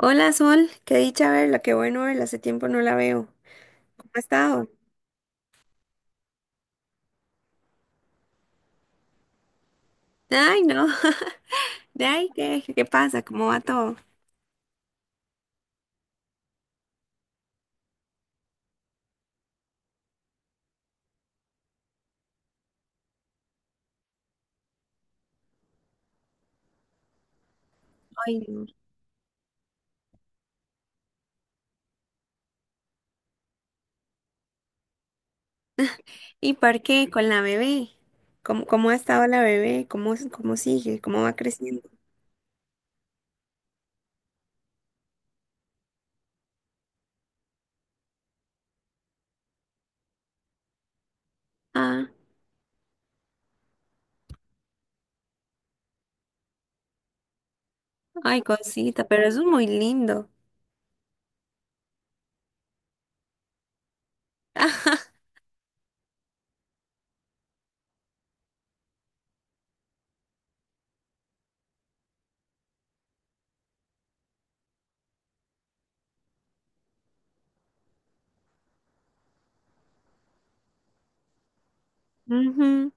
Hola Sol, qué dicha verla, qué bueno verla, hace tiempo no la veo. ¿Cómo ha estado? Ay, no. De ahí, ¿qué pasa? ¿Cómo va todo? Ay, no. ¿Y por qué? Con la bebé. ¿Cómo ha estado la bebé? ¿Cómo sigue? ¿Cómo va creciendo? Ah, ay, cosita, pero eso es muy lindo. Ujú.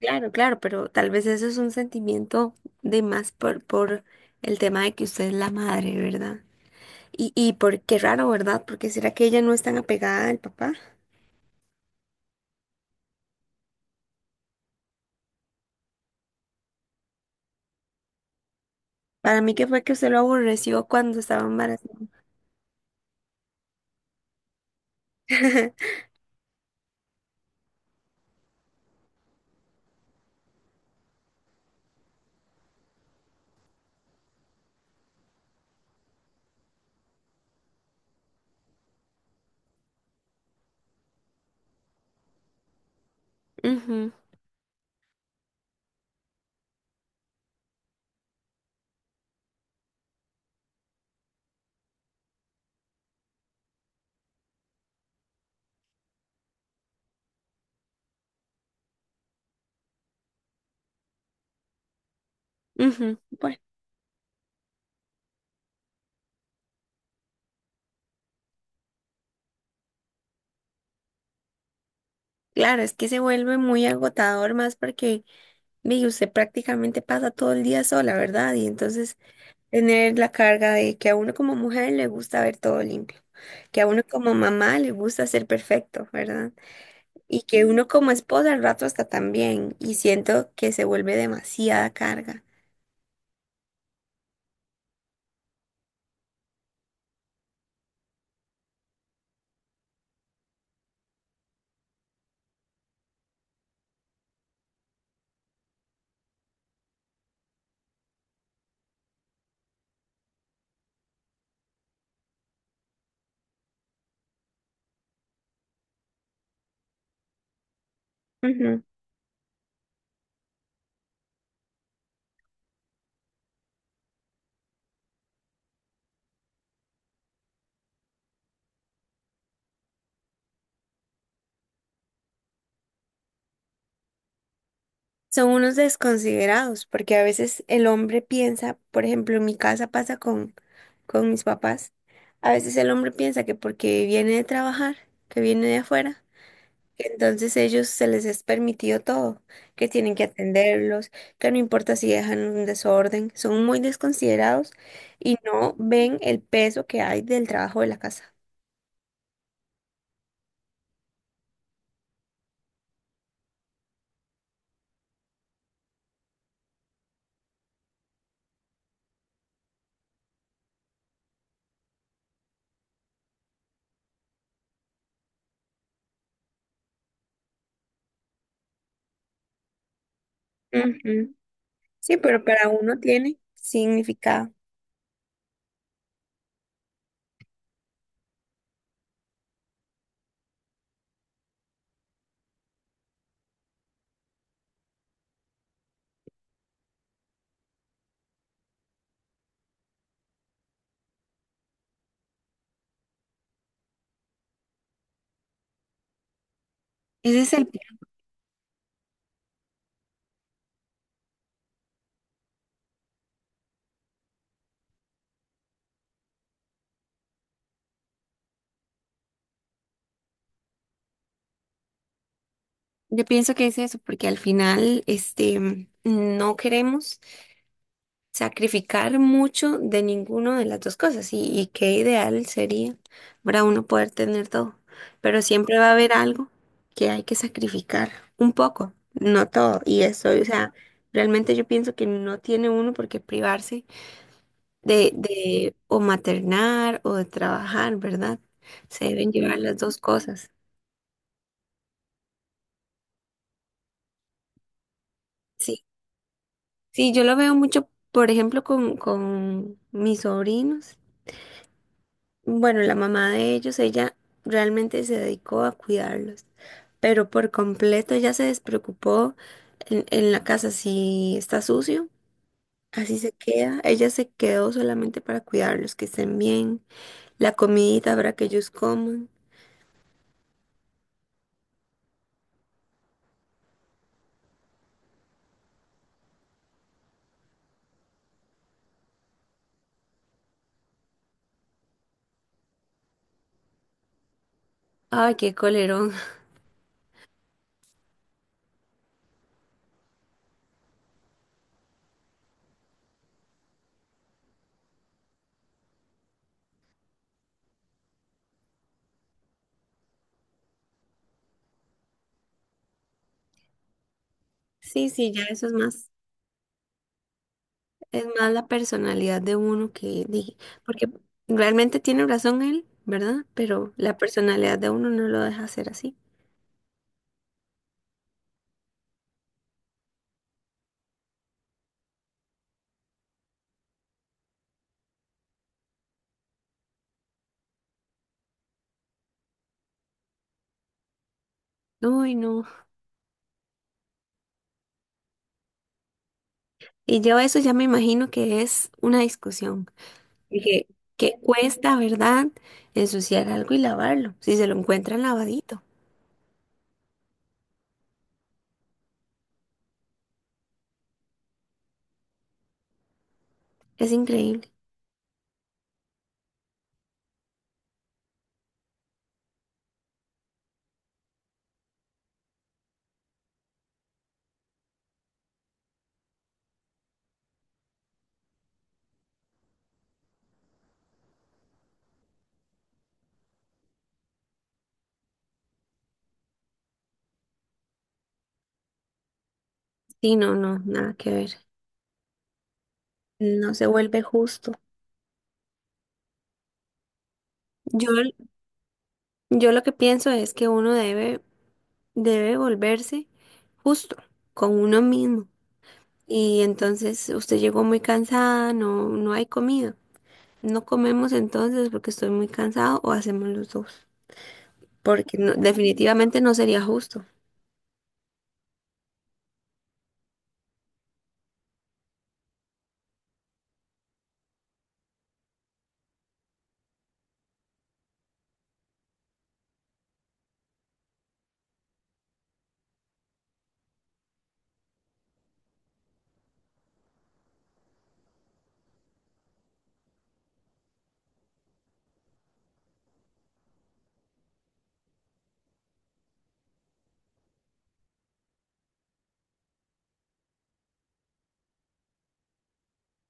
Claro, claro, pero tal vez eso es un sentimiento de más por el tema de que usted es la madre, ¿verdad? Y por qué raro, ¿verdad? Porque será que ella no es tan apegada al papá. Para mí que fue que usted lo aborreció cuando estaba embarazada. Ujú, ujú. Bueno, claro, es que se vuelve muy agotador más porque mire, usted prácticamente pasa todo el día sola, ¿verdad? Y entonces tener la carga de que a uno como mujer le gusta ver todo limpio, que a uno como mamá le gusta ser perfecto, ¿verdad? Y que uno como esposa al rato hasta también, y siento que se vuelve demasiada carga. Son unos desconsiderados, porque a veces el hombre piensa, por ejemplo, en mi casa pasa con mis papás, a veces el hombre piensa que porque viene de trabajar, que viene de afuera, que entonces ellos se les es permitido todo, que tienen que atenderlos, que no importa si dejan un desorden, son muy desconsiderados y no ven el peso que hay del trabajo de la casa. Ujú. Sí, pero para uno tiene significado. Ese es el... Yo pienso que es eso, porque al final, este, no queremos sacrificar mucho de ninguna de las dos cosas y qué ideal sería para uno poder tener todo, pero siempre va a haber algo que hay que sacrificar un poco, no todo, y eso, o sea, realmente yo pienso que no tiene uno por qué privarse de o maternar o de trabajar, ¿verdad? Se deben llevar las dos cosas. Sí. Sí, yo lo veo mucho, por ejemplo, con mis sobrinos. Bueno, la mamá de ellos, ella realmente se dedicó a cuidarlos, pero por completo ya se despreocupó en la casa si está sucio. Así se queda. Ella se quedó solamente para cuidarlos, que estén bien, la comidita para que ellos coman. Ay, qué colerón. Sí, sí, ya eso es más. Es más la personalidad de uno que dije, porque realmente tiene razón él, ¿verdad? Pero la personalidad de uno no lo deja hacer así. Uy, no. Y yo eso ya me imagino que es una discusión. Dije, que cuesta, ¿verdad? Ensuciar algo y lavarlo. Si se lo encuentran lavadito. Es increíble. Sí, no, no, nada que ver. No se vuelve justo. Yo, yo lo que pienso es que uno debe, debe volverse justo con uno mismo. Y entonces usted llegó muy cansada, no, no hay comida. No comemos entonces porque estoy muy cansado o hacemos los dos. Porque no- definitivamente no sería justo.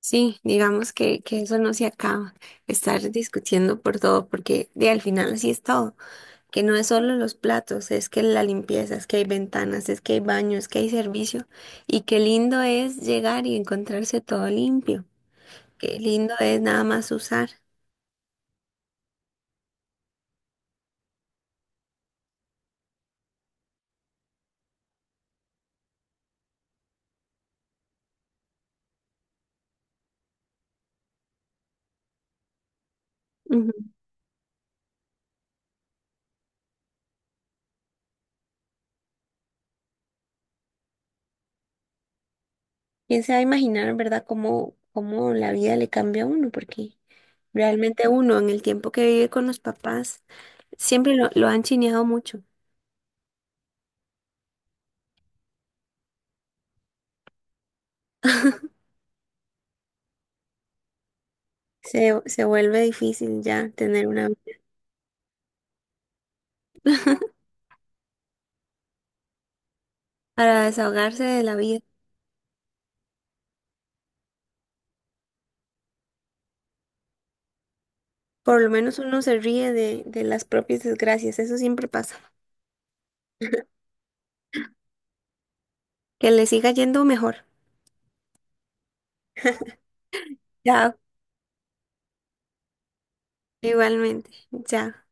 Sí, digamos que eso no se acaba, estar discutiendo por todo, porque de al final así es todo, que no es solo los platos, es que la limpieza, es que hay ventanas, es que hay baños, es que hay servicio, y qué lindo es llegar y encontrarse todo limpio, qué lindo es nada más usar. ¿Quién se va a imaginar, verdad, cómo la vida le cambia a uno? Porque realmente uno en el tiempo que vive con los papás siempre lo han chineado mucho. Se vuelve difícil ya tener una vida. Para desahogarse de la vida. Por lo menos uno se ríe de las propias desgracias, eso siempre pasa. Que le siga yendo mejor. Ya, igualmente. Ya.